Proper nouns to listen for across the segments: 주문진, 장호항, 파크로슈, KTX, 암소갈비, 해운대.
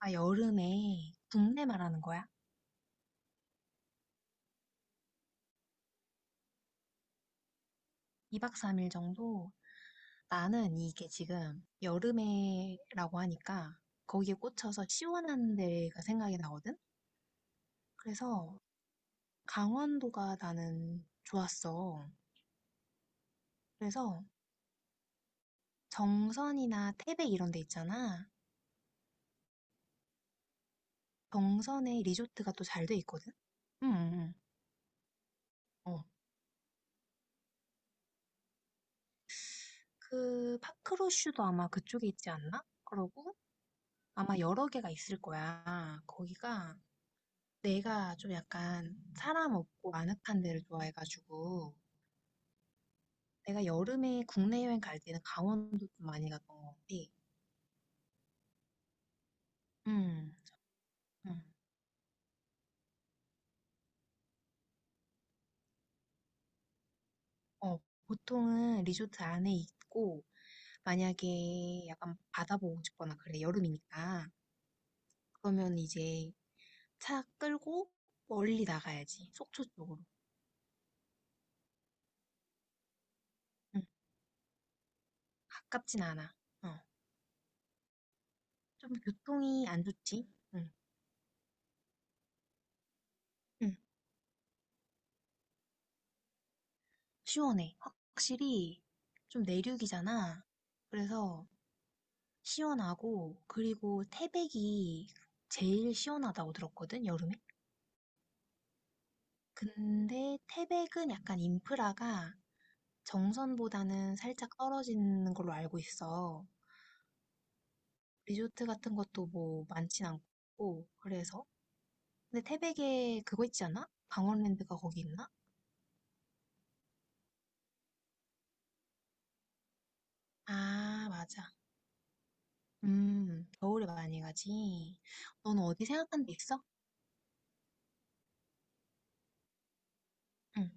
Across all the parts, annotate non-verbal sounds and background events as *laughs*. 아, 여름에 국내 말하는 거야? 2박 3일 정도? 나는 이게 지금 여름에라고 하니까 거기에 꽂혀서 시원한 데가 생각이 나거든? 그래서 강원도가 나는 좋았어. 그래서 정선이나 태백 이런 데 있잖아. 정선에 리조트가 또 잘 돼 있거든? 응, 응, 응. 어, 그 파크로슈도 아마 그쪽에 있지 않나? 그러고 아마 여러 개가 있을 거야. 거기가 내가 좀 약간 사람 없고 아늑한 데를 좋아해가지고 내가 여름에 국내 여행 갈 때는 강원도 좀 많이 갔던 것 같아. 음, 음, 어, 보통은 리조트 안에 있고 만약에 약간 바다 보고 싶거나 그래 여름이니까 그러면 이제 차 끌고 멀리 나가야지, 속초 쪽으로. 응, 가깝진 않아. 어, 좀 교통이 안 좋지. 응, 응, 시원해. 확실히 좀 내륙이잖아. 그래서 시원하고, 그리고 태백이 제일 시원하다고 들었거든, 여름에. 근데 태백은 약간 인프라가 정선보다는 살짝 떨어지는 걸로 알고 있어. 리조트 같은 것도 뭐 많진 않고, 그래서. 근데 태백에 그거 있지 않아? 강원랜드가 거기 있나? 아, 맞아. 겨울에 많이 가지. 넌 어디 생각한 데 있어? 응,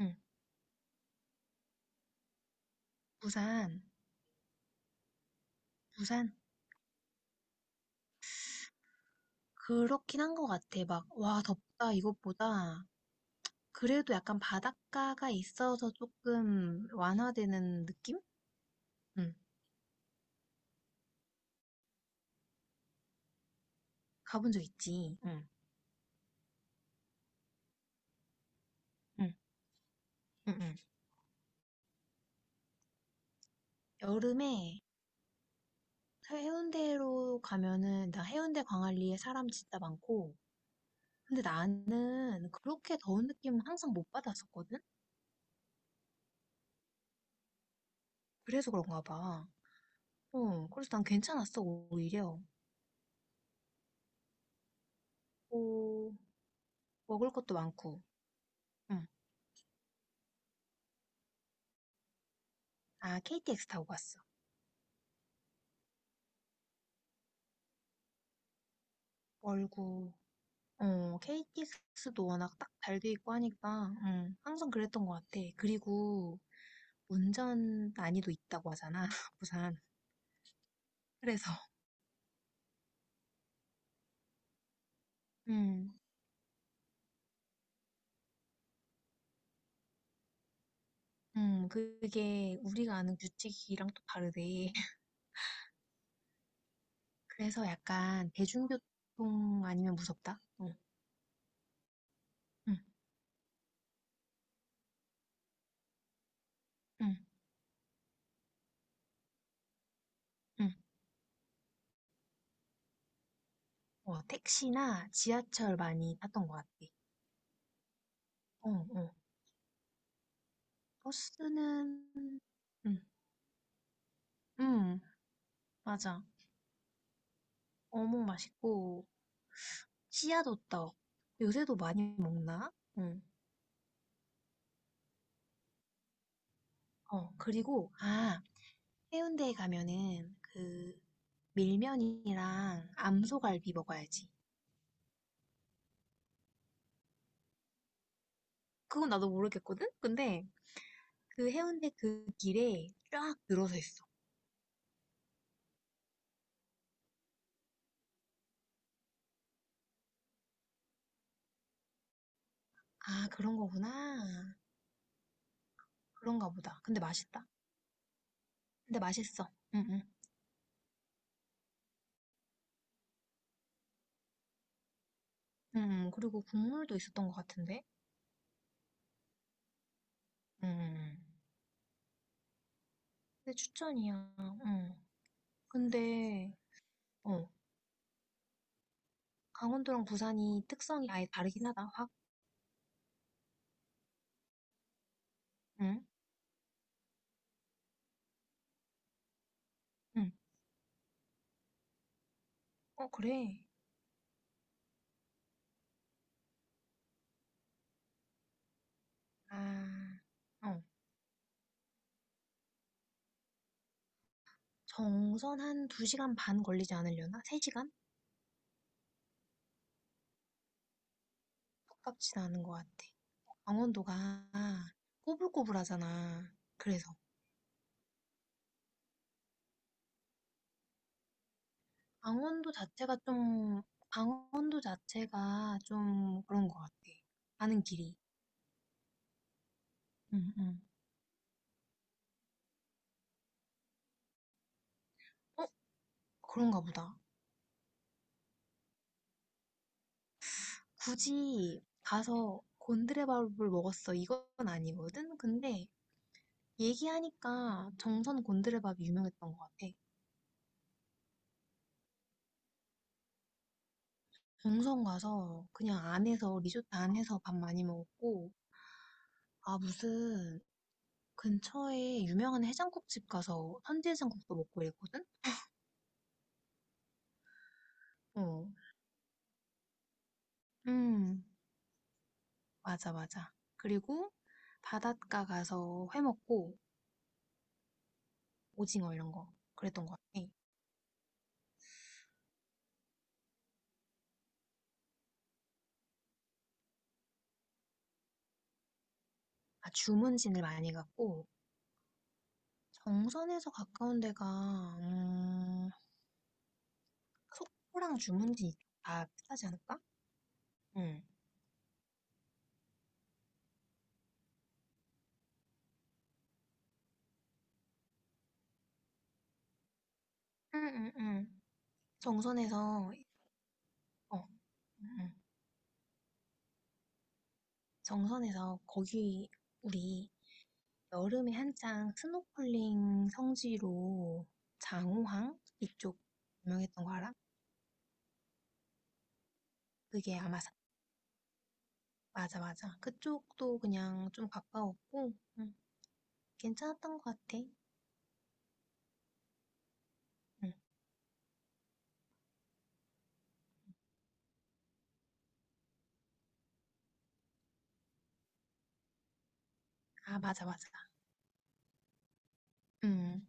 응. 부산, 부산. 그렇긴 한 것 같아. 막, 와, 덥다, 이것보다. 그래도 약간 바닷가가 있어서 조금 완화되는 느낌? 응. 가본 적 있지. 응, 응, 응, 응. 여름에 해운대로 가면은, 나 해운대 광안리에 사람 진짜 많고, 근데 나는 그렇게 더운 느낌은 항상 못 받았었거든? 그래서 그런가 봐. 어, 그래서 난 괜찮았어, 오히려. 오, 먹을 것도 많고. 응. 아, KTX 타고 갔어. 멀고, 어, KTX도 워낙 딱 잘 돼 있고 하니까, 항상 그랬던 것 같아. 그리고 운전 난이도 있다고 하잖아, *laughs* 부산. 그래서, 음, 그게 우리가 아는 규칙이랑 또 다르대. *laughs* 그래서 약간 대중교통 아니면 무섭다? 응, 응, 응, 응. 어, 택시나 지하철 많이 탔던 것 같아. 어, 어. 버스는, 응, 응, 맞아. 어묵 맛있고, 씨앗 호떡. 요새도 많이 먹나? 응. 어, 그리고, 아, 해운대에 가면은 그 밀면이랑 암소갈비 먹어야지. 그건 나도 모르겠거든? 근데 그 해운대 그 길에 쫙 늘어서 있어. 아, 그런 거구나. 그런가 보다. 근데 맛있다. 근데 맛있어. 응, 응. 응, 응. 그리고 국물도 있었던 것 같은데? 응, 응, 응. 근데 추천이야. 응. 근데, 어, 강원도랑 부산이 특성이 아예 다르긴 하다, 확. 응? 응. 어, 그래. 아, 어. 정선 한 2시간 반 걸리지 않으려나? 3시간? 가깝진 않은 것 같아. 강원도가 꼬불꼬불하잖아. 그래서. 강원도 자체가 좀, 강원도 자체가 좀 그런 것 같아. 가는 길이. 응, 응. 어? 그런가 보다. 굳이 가서 곤드레밥을 먹었어. 이건 아니거든? 근데 얘기하니까 정선 곤드레밥이 유명했던 것 같아. 정선 가서 그냥 안에서 리조트 안에서 밥 많이 먹었고, 아, 무슨 근처에 유명한 해장국집 가서 선지 해장국도 먹고 이랬거든? 어. 음, 맞아, 맞아. 그리고 바닷가 가서 회 먹고 오징어 이런 거 그랬던 것 같아. 아, 주문진을 많이 갔고 정선에서 가까운 데가, 음, 속초랑 주문진 이쪽 다 비슷하지 않을까? 응, 응, 응응 정선에서, 어, 응, 응. 정선에서 거기 우리 여름에 한창 스노클링 성지로 장호항 이쪽 유명했던 거 알아? 그게 아마, 맞아, 맞아. 그쪽도 그냥 좀 가까웠고, 응, 괜찮았던 것 같아. 응. 아, 맞아, 맞아. 음,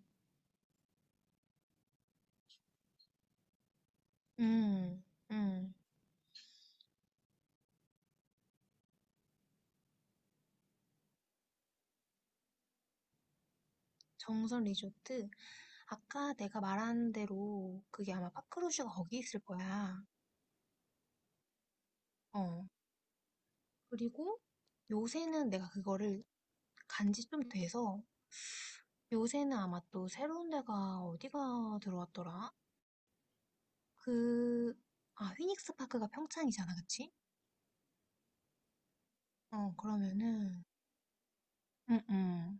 음, 음. 정선 리조트, 아까 내가 말한 대로, 그게 아마 파크루슈가 거기 있을 거야. 어, 그리고 요새는 내가 그거를 간지 좀 돼서 요새는 아마 또 새로운 데가 어디가 들어왔더라? 그, 아, 휘닉스 파크가 평창이잖아, 그치? 어, 그러면은, 응, 응.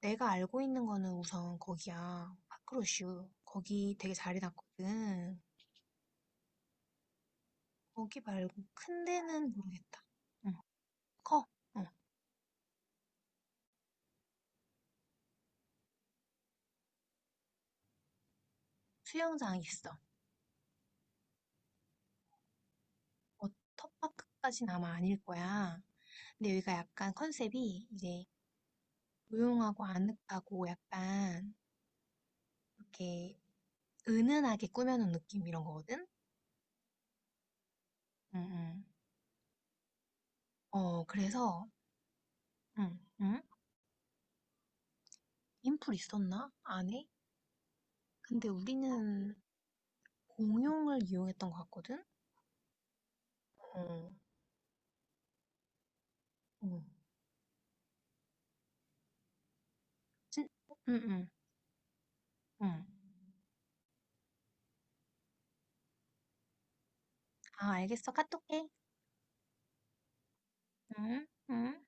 내가 알고 있는 거는 우선 거기야. 파크로슈. 거기 되게 잘 해놨거든. 거기 말고 큰 데는 모르겠다. 응, 커. 어, 수영장 있어. 워터파크까지는 아마 아닐 거야. 근데 여기가 약간 컨셉이 이제 조용하고 아늑하고 약간 이렇게 은은하게 꾸며놓은 느낌 이런 거거든? 응, 응. 어, 그래서 응, 응, 인풀 있었나? 안에? 근데 우리는 공용을 이용했던 것 같거든? 어, 어. 진- 응, 응, 응, 아, 알겠어. 카톡해. 응, 응.